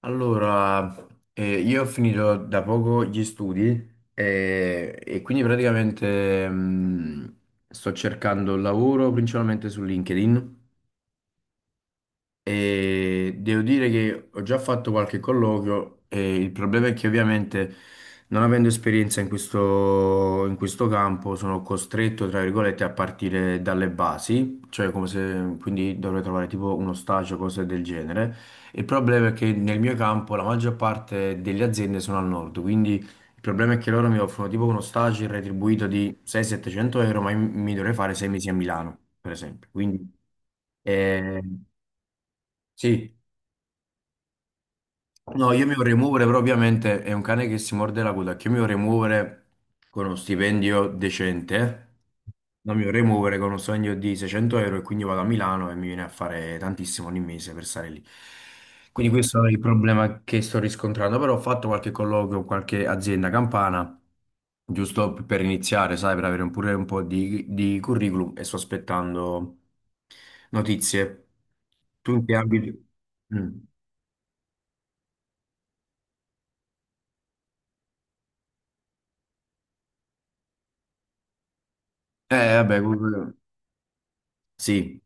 Allora, io ho finito da poco gli studi, quindi praticamente, sto cercando lavoro principalmente su LinkedIn. E devo dire che ho già fatto qualche colloquio e il problema è che, ovviamente, non avendo esperienza in questo campo, sono costretto, tra virgolette, a partire dalle basi, cioè come se, quindi, dovrei trovare tipo uno stage o cose del genere. Il problema è che nel mio campo la maggior parte delle aziende sono al nord, quindi il problema è che loro mi offrono tipo uno stage retribuito di 600-700 euro, ma io mi dovrei fare 6 mesi a Milano, per esempio. Quindi. Eh, sì. No, io mi vorrei muovere, però ovviamente è un cane che si morde la coda, che io mi vorrei muovere con uno stipendio decente, non mi vorrei muovere con uno stipendio di 600 euro e quindi vado a Milano e mi viene a fare tantissimo ogni mese per stare lì. Quindi questo è il problema che sto riscontrando, però ho fatto qualche colloquio con qualche azienda campana, giusto per iniziare, sai, per avere pure un po' di curriculum, e sto aspettando notizie. Tu in che ambito? Mm. Vabbè, comunque, sì.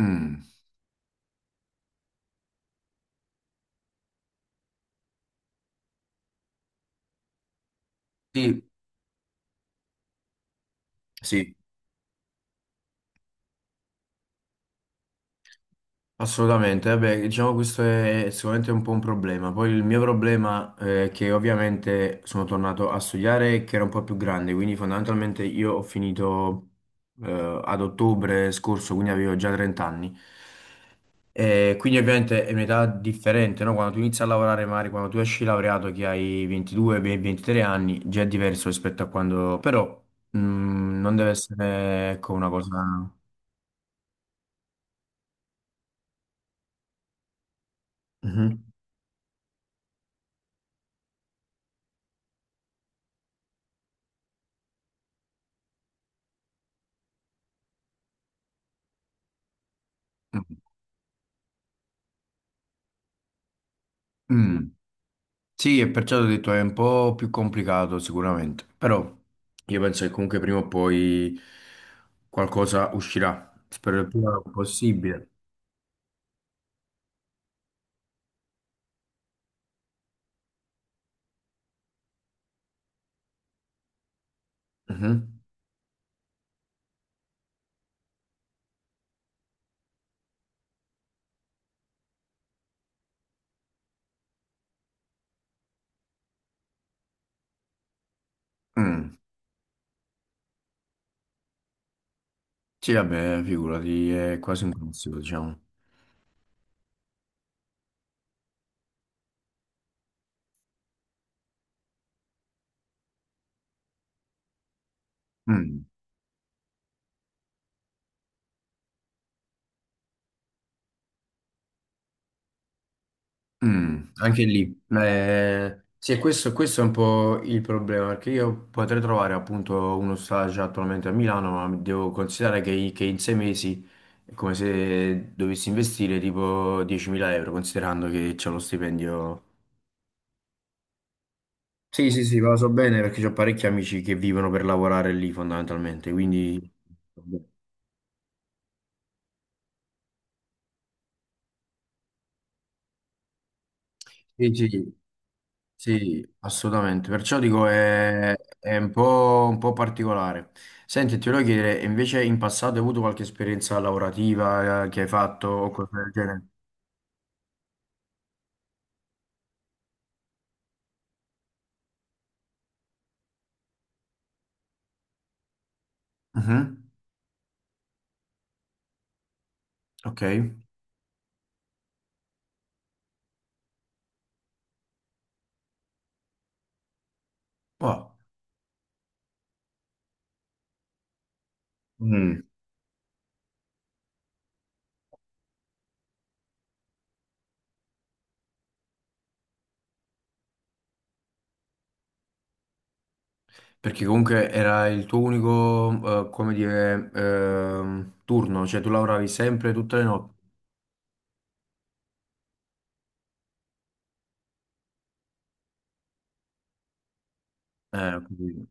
Mm. Sì, sì, assolutamente. Vabbè, diciamo, questo è sicuramente un po' un problema. Poi il mio problema, è che ovviamente sono tornato a studiare e che era un po' più grande, quindi fondamentalmente io ho finito, ad ottobre scorso, quindi avevo già 30 anni. E quindi ovviamente è un'età differente, no? Quando tu inizi a lavorare, magari quando tu esci laureato che hai 22, 23 anni, già è diverso rispetto a quando... Però, non deve essere, ecco, una cosa... Mhm. Mm. Sì, e perciò ho detto è un po' più complicato sicuramente, però io penso che comunque prima o poi qualcosa uscirà, spero il prima possibile. Mhm. Mm. Sì, vabbè, figurati, è quasi impossibile, diciamo. Mm. Mm, anche lì. Sì, e questo è un po' il problema, perché io potrei trovare appunto uno stage attualmente a Milano, ma devo considerare che in 6 mesi è come se dovessi investire tipo 10.000 euro, considerando che c'è lo stipendio. Sì, sì, sì, ma lo so bene perché ho parecchi amici che vivono per lavorare lì fondamentalmente, quindi... Sì, sì. Sì, assolutamente. Perciò dico è un po' particolare. Senti, ti volevo chiedere, invece in passato hai avuto qualche esperienza lavorativa, che hai fatto o cose del genere? Mhm. Ok. Wow. Mm. Perché comunque era il tuo unico, come dire, turno, cioè tu lavoravi sempre tutte le notti. Ho capito.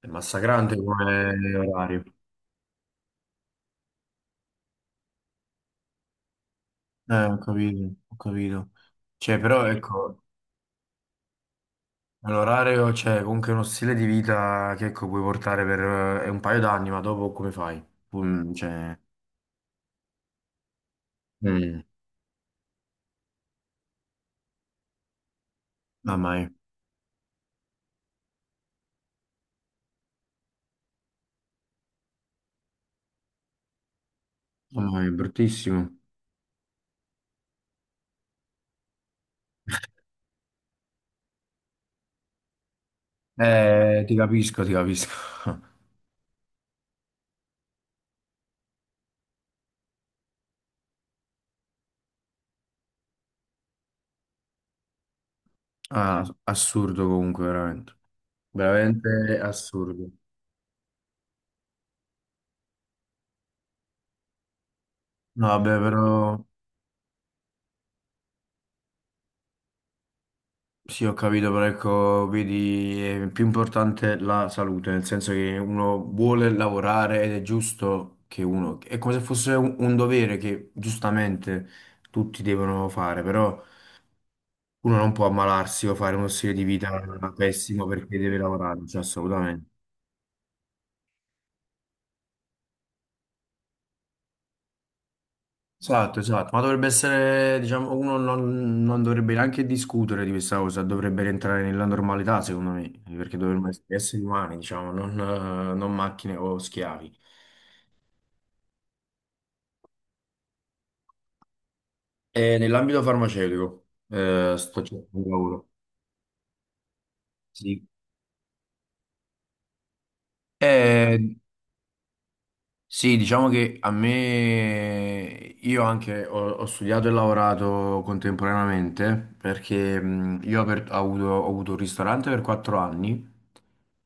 È massacrante come orario. Ho capito, ho capito. Cioè, però ecco, è un orario, cioè, comunque uno stile di vita che, ecco, puoi portare per un paio d'anni, ma dopo come fai? Cioè, mm, mamma mia, mamma mia, è bruttissimo. Ti capisco, ti capisco. Ah, assurdo comunque, veramente. Veramente assurdo. No, vabbè, però... Sì, ho capito, però ecco, vedi, è più importante la salute, nel senso che uno vuole lavorare ed è giusto che uno, è come se fosse un dovere che giustamente tutti devono fare, però uno non può ammalarsi o fare uno stile di vita pessimo perché deve lavorare, cioè assolutamente. Esatto, esatto, ma dovrebbe essere, diciamo, uno non, non dovrebbe neanche discutere di questa cosa, dovrebbe rientrare nella normalità, secondo me, perché dovremmo essere esseri umani, diciamo, non, non macchine o schiavi. Nell'ambito farmaceutico, sto cercando un lavoro. Sì. Eh, sì, diciamo che a me, io anche ho studiato e lavorato contemporaneamente perché, io ho, aper- ho avuto un ristorante per 4 anni,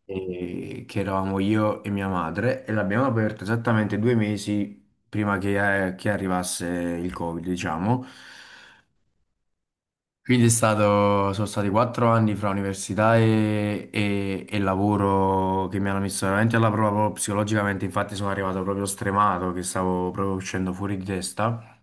che eravamo io e mia madre, e l'abbiamo aperto esattamente 2 mesi prima che arrivasse il Covid, diciamo. Quindi è stato, sono stati 4 anni fra università e lavoro che mi hanno messo veramente alla prova proprio psicologicamente, infatti sono arrivato proprio stremato, che stavo proprio uscendo fuori di testa.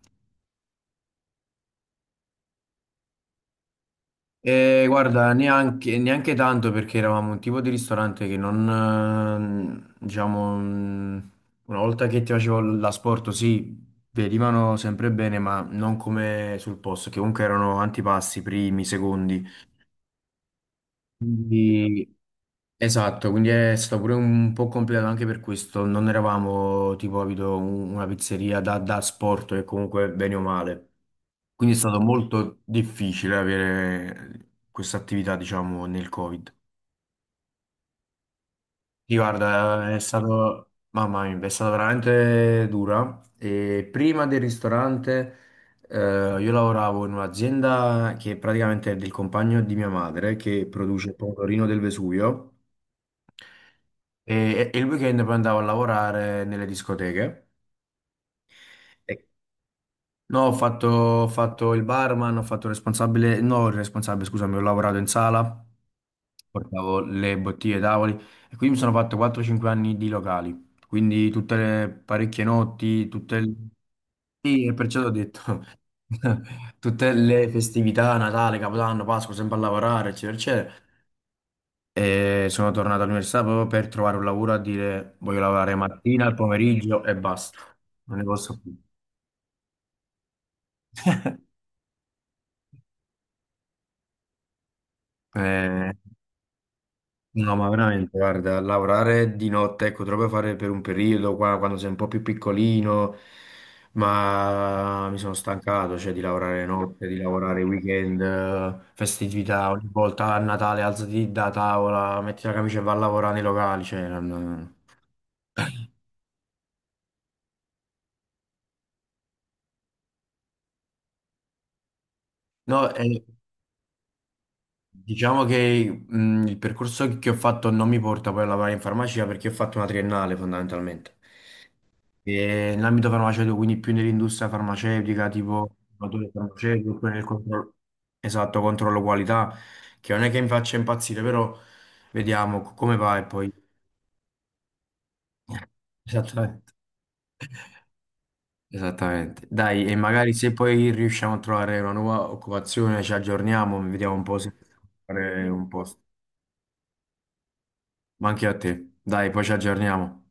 E guarda, neanche, neanche tanto perché eravamo un tipo di ristorante che non, diciamo, una volta che ti facevo l'asporto, sì, venivano sempre bene, ma non come sul posto, che comunque erano antipasti, primi, secondi. Quindi... Esatto, quindi è stato pure un po' complicato anche per questo. Non eravamo tipo capito, una pizzeria da sport e comunque bene o male. Quindi è stato molto difficile avere questa attività, diciamo, nel Covid. Sì, guarda, è stato, mamma mia, è stata veramente dura. E prima del ristorante, eh, io lavoravo in un'azienda che praticamente è del compagno di mia madre, che produce il pomodorino del Vesuvio. E il weekend poi andavo a lavorare nelle discoteche. E- No, ho fatto il barman, ho fatto il responsabile, no, il responsabile, scusami, ho lavorato in sala, portavo le bottiglie ai tavoli e quindi mi sono fatto 4-5 anni di locali, quindi tutte le parecchie notti, tutte le... Sì, e perciò ho detto... Tutte le festività, Natale, Capodanno, Pasqua, sempre a lavorare, eccetera, eccetera. E sono tornato all'università proprio per trovare un lavoro, a dire voglio lavorare mattina, al pomeriggio e basta. Non ne posso più. Eh, no, ma veramente, guarda, lavorare di notte, ecco, te lo puoi fare per un periodo, qua, quando sei un po' più piccolino, ma mi sono stancato, cioè, di lavorare notte, di lavorare weekend, festività, ogni volta a Natale alzati da tavola, metti la camicia e vai a lavorare nei locali, cioè, non... No, diciamo che, il percorso che ho fatto non mi porta poi a lavorare in farmacia perché ho fatto una triennale fondamentalmente. E nell'ambito farmaceutico, quindi più nell'industria farmaceutica, tipo laboratorio farmaceutico, oppure nel controllo, esatto, controllo qualità, che non è che mi faccia impazzire, però vediamo come va e poi... Esattamente. Esattamente. Dai, e magari se poi riusciamo a trovare una nuova occupazione, ci aggiorniamo, vediamo un po' se fare un posto. Ma anche a te. Dai, poi ci aggiorniamo.